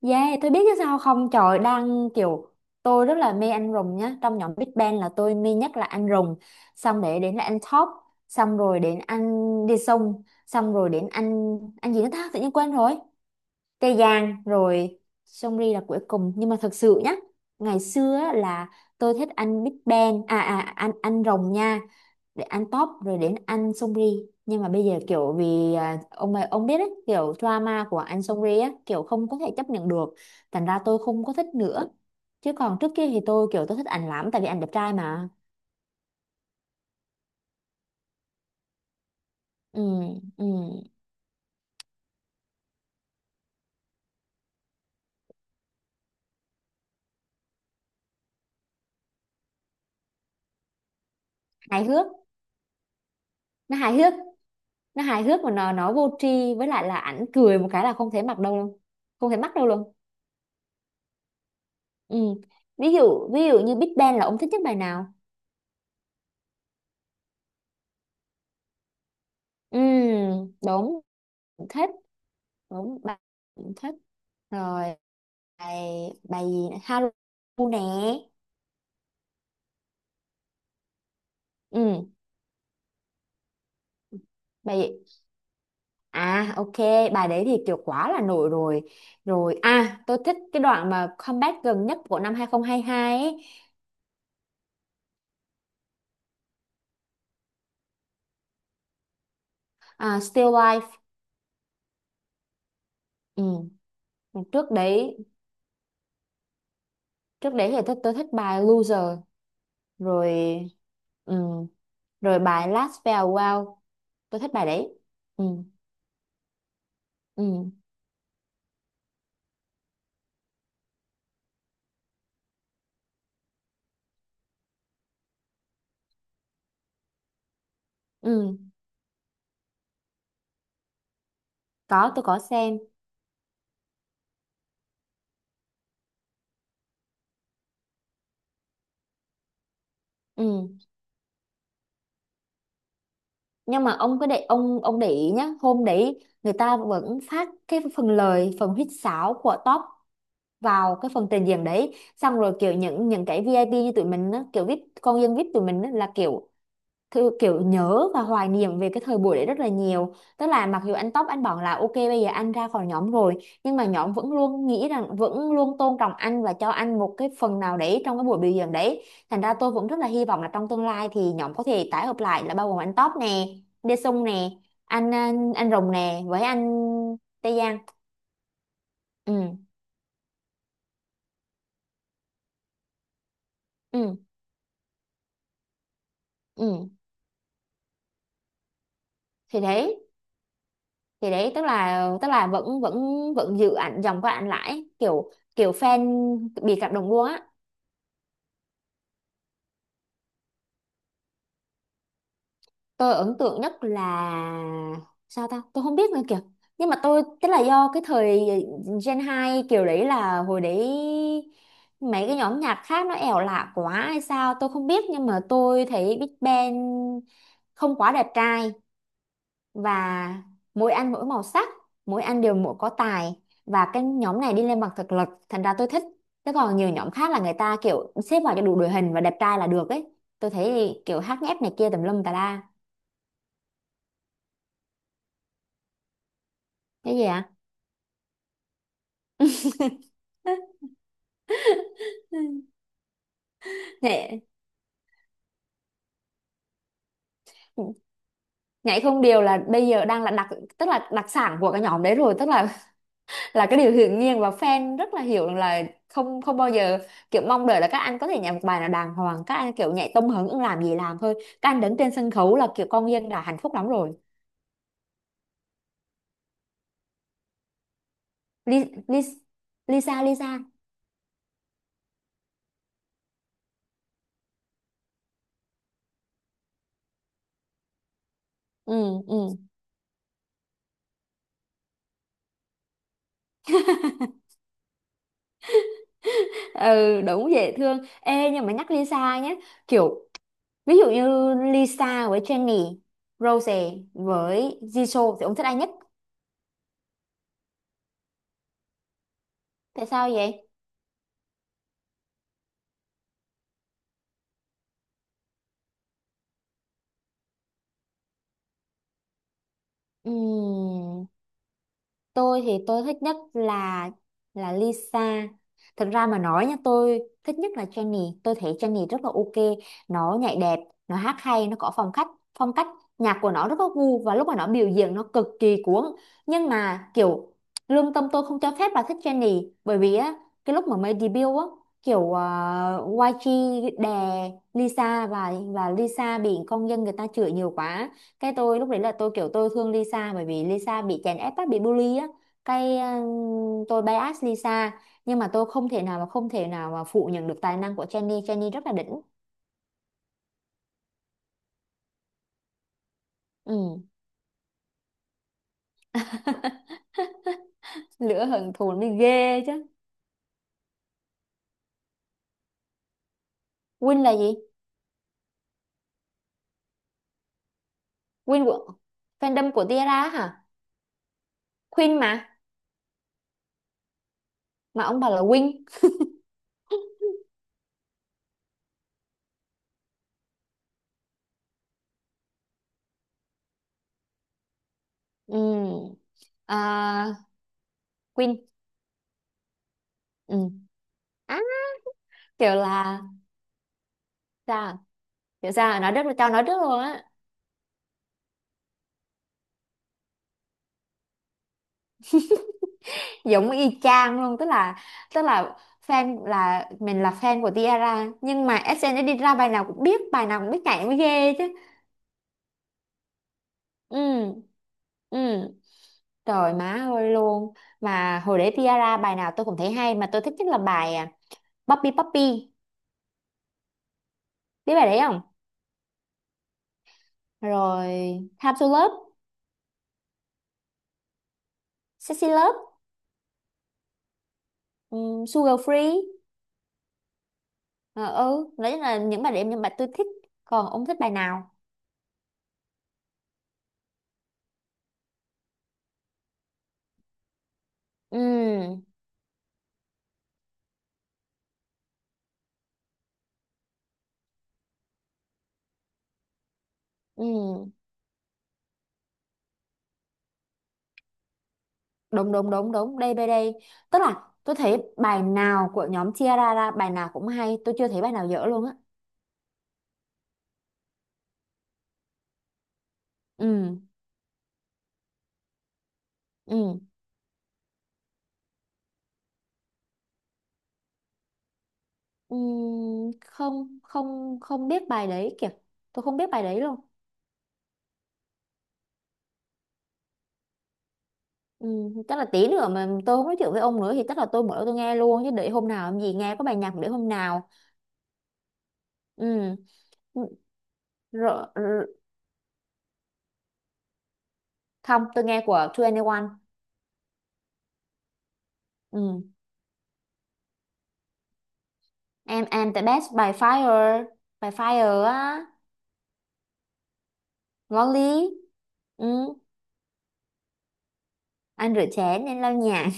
Yeah, tôi biết chứ sao không trời đang kiểu tôi rất là mê anh rùng nhá. Trong nhóm Big Bang là tôi mê nhất là anh rùng, xong để đến là anh Top, xong rồi đến anh Đi Sung, xong rồi đến anh gì nữa ta, tự nhiên quên rồi. Tê Giang rồi Seungri là cuối cùng. Nhưng mà thật sự nhá, ngày xưa á là tôi thích anh Big Bang, anh rồng nha, để ăn top rồi đến ăn Songri. Nhưng mà bây giờ kiểu vì ông ấy- ông biết đấy kiểu drama của anh Songri á, kiểu không có thể chấp nhận được, thành ra tôi không có thích nữa. Chứ còn trước kia thì tôi kiểu tôi thích ảnh lắm, tại vì ảnh đẹp trai mà. Ừ. Ừ. Hài hước. Nó hài hước. Nó hài hước mà nó vô tri. Với lại là ảnh cười một cái là không thể mặc đâu luôn. Không thể mắc đâu luôn. Ừ. Ví dụ như Big Bang là ông thích nhất bài nào? Ừ, đúng, thích, đúng bà, cũng thích rồi. Bài bài gì nữa? Haru nè. Ừ. Bài gì? Ok bài đấy thì kiểu quá là nổi rồi. Rồi, tôi thích cái đoạn mà comeback gần nhất của năm 2022 ấy. À, Still Life. Ừ. trước đấy trước đấy thì tôi thích bài Loser rồi. Ừ. Rồi bài Last Farewell, tôi thích bài đấy. Ừ. Ừ. Ừ. Có, tôi có xem. Ừ. Nhưng mà ông cứ để ông để ý nhá, hôm đấy người ta vẫn phát cái phần lời phần huýt sáo của top vào cái phần trình diễn đấy, xong rồi kiểu những cái VIP như tụi mình á, kiểu VIP con dân VIP tụi mình á, là kiểu thư kiểu nhớ và hoài niệm về cái thời buổi đấy rất là nhiều. Tức là mặc dù anh Tóc anh bảo là ok bây giờ anh ra khỏi nhóm rồi, nhưng mà nhóm vẫn luôn nghĩ rằng, vẫn luôn tôn trọng anh và cho anh một cái phần nào đấy trong cái buổi biểu diễn đấy. Thành ra tôi vẫn rất là hy vọng là trong tương lai thì nhóm có thể tái hợp lại là bao gồm anh Tóc nè, Đê Sung nè, anh Rồng nè với anh Tây Giang. Ừ. Ừ. Ừ. thì đấy thì đấy tức là vẫn vẫn vẫn giữ ảnh dòng của ảnh lại, kiểu kiểu fan bị cảm động luôn á. Tôi ấn tượng nhất là, sao ta, tôi không biết nữa kìa. Nhưng mà tôi, tức là do cái thời Gen 2 kiểu đấy, là hồi đấy mấy cái nhóm nhạc khác nó ẻo lạ quá hay sao tôi không biết, nhưng mà tôi thấy Big Bang không quá đẹp trai, và mỗi anh mỗi màu sắc, mỗi anh đều mỗi có tài, và cái nhóm này đi lên bằng thực lực, thành ra tôi thích. Thế còn nhiều nhóm khác là người ta kiểu xếp vào cho đủ đội hình và đẹp trai là được ấy. Tôi thấy kiểu hát nhép này kia tùm lum tà la. Cái gì ạ? Nghệ. Nhảy không điều là bây giờ đang là đặc, tức là đặc sản của cái nhóm đấy rồi. Tức là là cái điều hiển nhiên và fan rất là hiểu là không không bao giờ kiểu mong đợi là các anh có thể nhảy một bài nào đàng hoàng. Các anh kiểu nhảy tông hứng ưng làm gì làm thôi. Các anh đứng trên sân khấu là kiểu con dân đã hạnh phúc lắm rồi. Li, Li, Lisa Lisa. Ừ. Ừ. Ừ, đúng, dễ thương. Ê, nhưng mà nhắc Lisa nhé, kiểu ví dụ như Lisa với Jennie, Rose với Jisoo thì ông thích ai nhất? Tại sao vậy? Ừm, tôi thì tôi thích nhất là Lisa. Thực ra mà nói nha, tôi thích nhất là Jennie. Tôi thấy Jennie rất là ok. Nó nhảy đẹp, nó hát hay, nó có phong cách. Phong cách nhạc của nó rất có gu và lúc mà nó biểu diễn nó cực kỳ cuốn. Nhưng mà kiểu lương tâm tôi không cho phép bà thích Jennie, bởi vì á cái lúc mà mới debut á kiểu YG đè Lisa và Lisa bị công dân người ta chửi nhiều quá. Cái tôi lúc đấy là tôi kiểu tôi thương Lisa, bởi vì Lisa bị chèn ép á, bị bully á. Cái tôi bias Lisa. Nhưng mà tôi không thể nào mà phủ nhận được tài năng của Jennie. Jennie rất là đỉnh. Ừ. Lửa hận thù mới ghê chứ. Win là gì? Win của fandom của Tiara hả? Queen Mà ông bảo là Win. Ừ. À, Queen. Ừ. Á, kiểu là sao, kiểu sao, nói rất tao nói rất luôn á. Giống y chang luôn, tức là tức là fan là mình, là fan của Tiara, nhưng mà SNSD ra bài nào cũng biết, bài nào cũng biết nhảy mới ghê chứ. Ừ. Ừ. Trời má ơi luôn. Mà hồi để Tiara bài nào tôi cũng thấy hay, mà tôi thích nhất là bài Puppy Puppy. Biết bài đấy không? Rồi Time to Love, Sexy Love, Sugar Free. Ờ, ừ, đấy là những bài đấy, những bài tôi thích. Còn ông thích bài nào? Ừ. Ừ. Đúng, đúng, đúng, đúng, đây, đây, đây. Tức là tôi thấy bài nào của nhóm Tiara ra bài nào cũng hay, tôi chưa thấy bài nào dở luôn á. Ừ. Ừ. Không không không biết bài đấy kìa, tôi không biết bài đấy luôn. Chắc là tí nữa mà tôi không nói chuyện với ông nữa thì chắc là tôi mở tôi nghe luôn chứ, để hôm nào làm gì nghe có bài nhạc, để hôm nào. Ừm, rồi, không tôi nghe của 2NE1. Ừm, em the best, by fire á, ngon lý. Ừm, anh rửa chén nên lau nhà.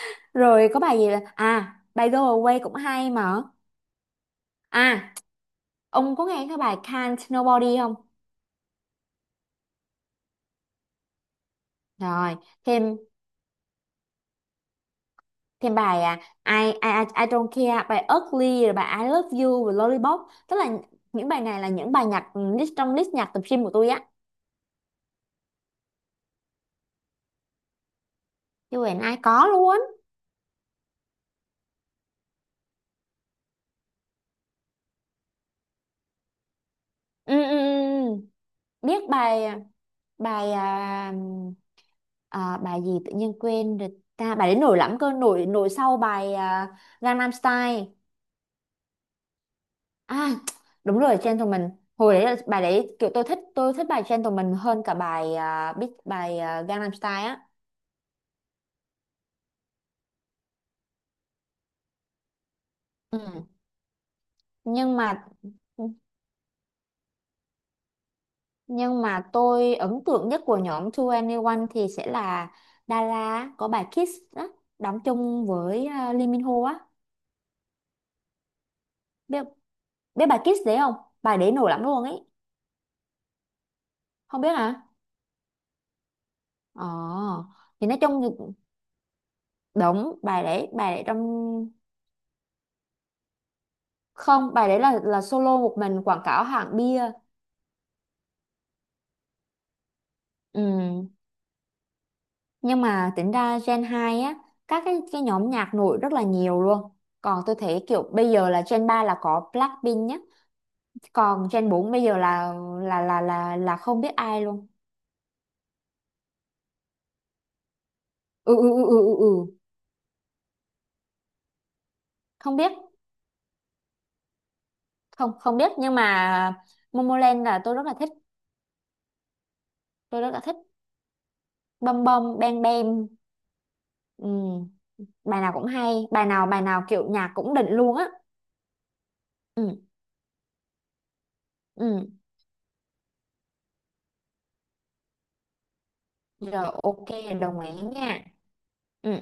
Rồi có bài gì là bài go away cũng hay mà. à ông có nghe cái bài can't nobody không? Rồi, thêm. Thêm bài I don't care, bài Ugly rồi bài I love you rồi Lollipop. Tức là những bài này là những bài nhạc list trong list nhạc tập gym của tôi á. Chứ Huyền ai có luôn. Ừ, ừ, ừ. Ừ. Biết bài bài à, bài gì tự nhiên quên rồi ta? Bài đấy nổi lắm cơ, nổi nổi sau bài Gangnam Style. À, đúng rồi, Gentleman. Hồi đấy là bài đấy kiểu tôi thích bài Gentleman hơn cả bài biết bài Gangnam Style á. Ừ. nhưng mà Nhưng mà tôi ấn tượng nhất của nhóm 2NE1 thì sẽ là Dara có bài Kiss á, đóng chung với Lee Min Ho á. Biết, biết bà Kiss đấy không? Bài đấy nổi lắm luôn ấy. Không biết hả? Ờ. Thì nói chung thì- đúng bài đấy trong. Không, bài đấy là solo một mình quảng cáo hãng bia. Ừ. Nhưng mà tính ra Gen 2 á, các cái nhóm nhạc nổi rất là nhiều luôn. Còn tôi thấy kiểu bây giờ là Gen 3 là có Blackpink nhá. Còn Gen 4 bây giờ là là không biết ai luôn. Ừ, ừ, ừ, ừ, ừ, ừ. Không biết, không không biết, nhưng mà Momoland là Tôi rất là thích bom bom bang bang. Ừ. Bài nào cũng hay, bài nào kiểu nhạc cũng đỉnh luôn á. Ừ. Ừ. Rồi ok. Đồng ý nha. Ừ.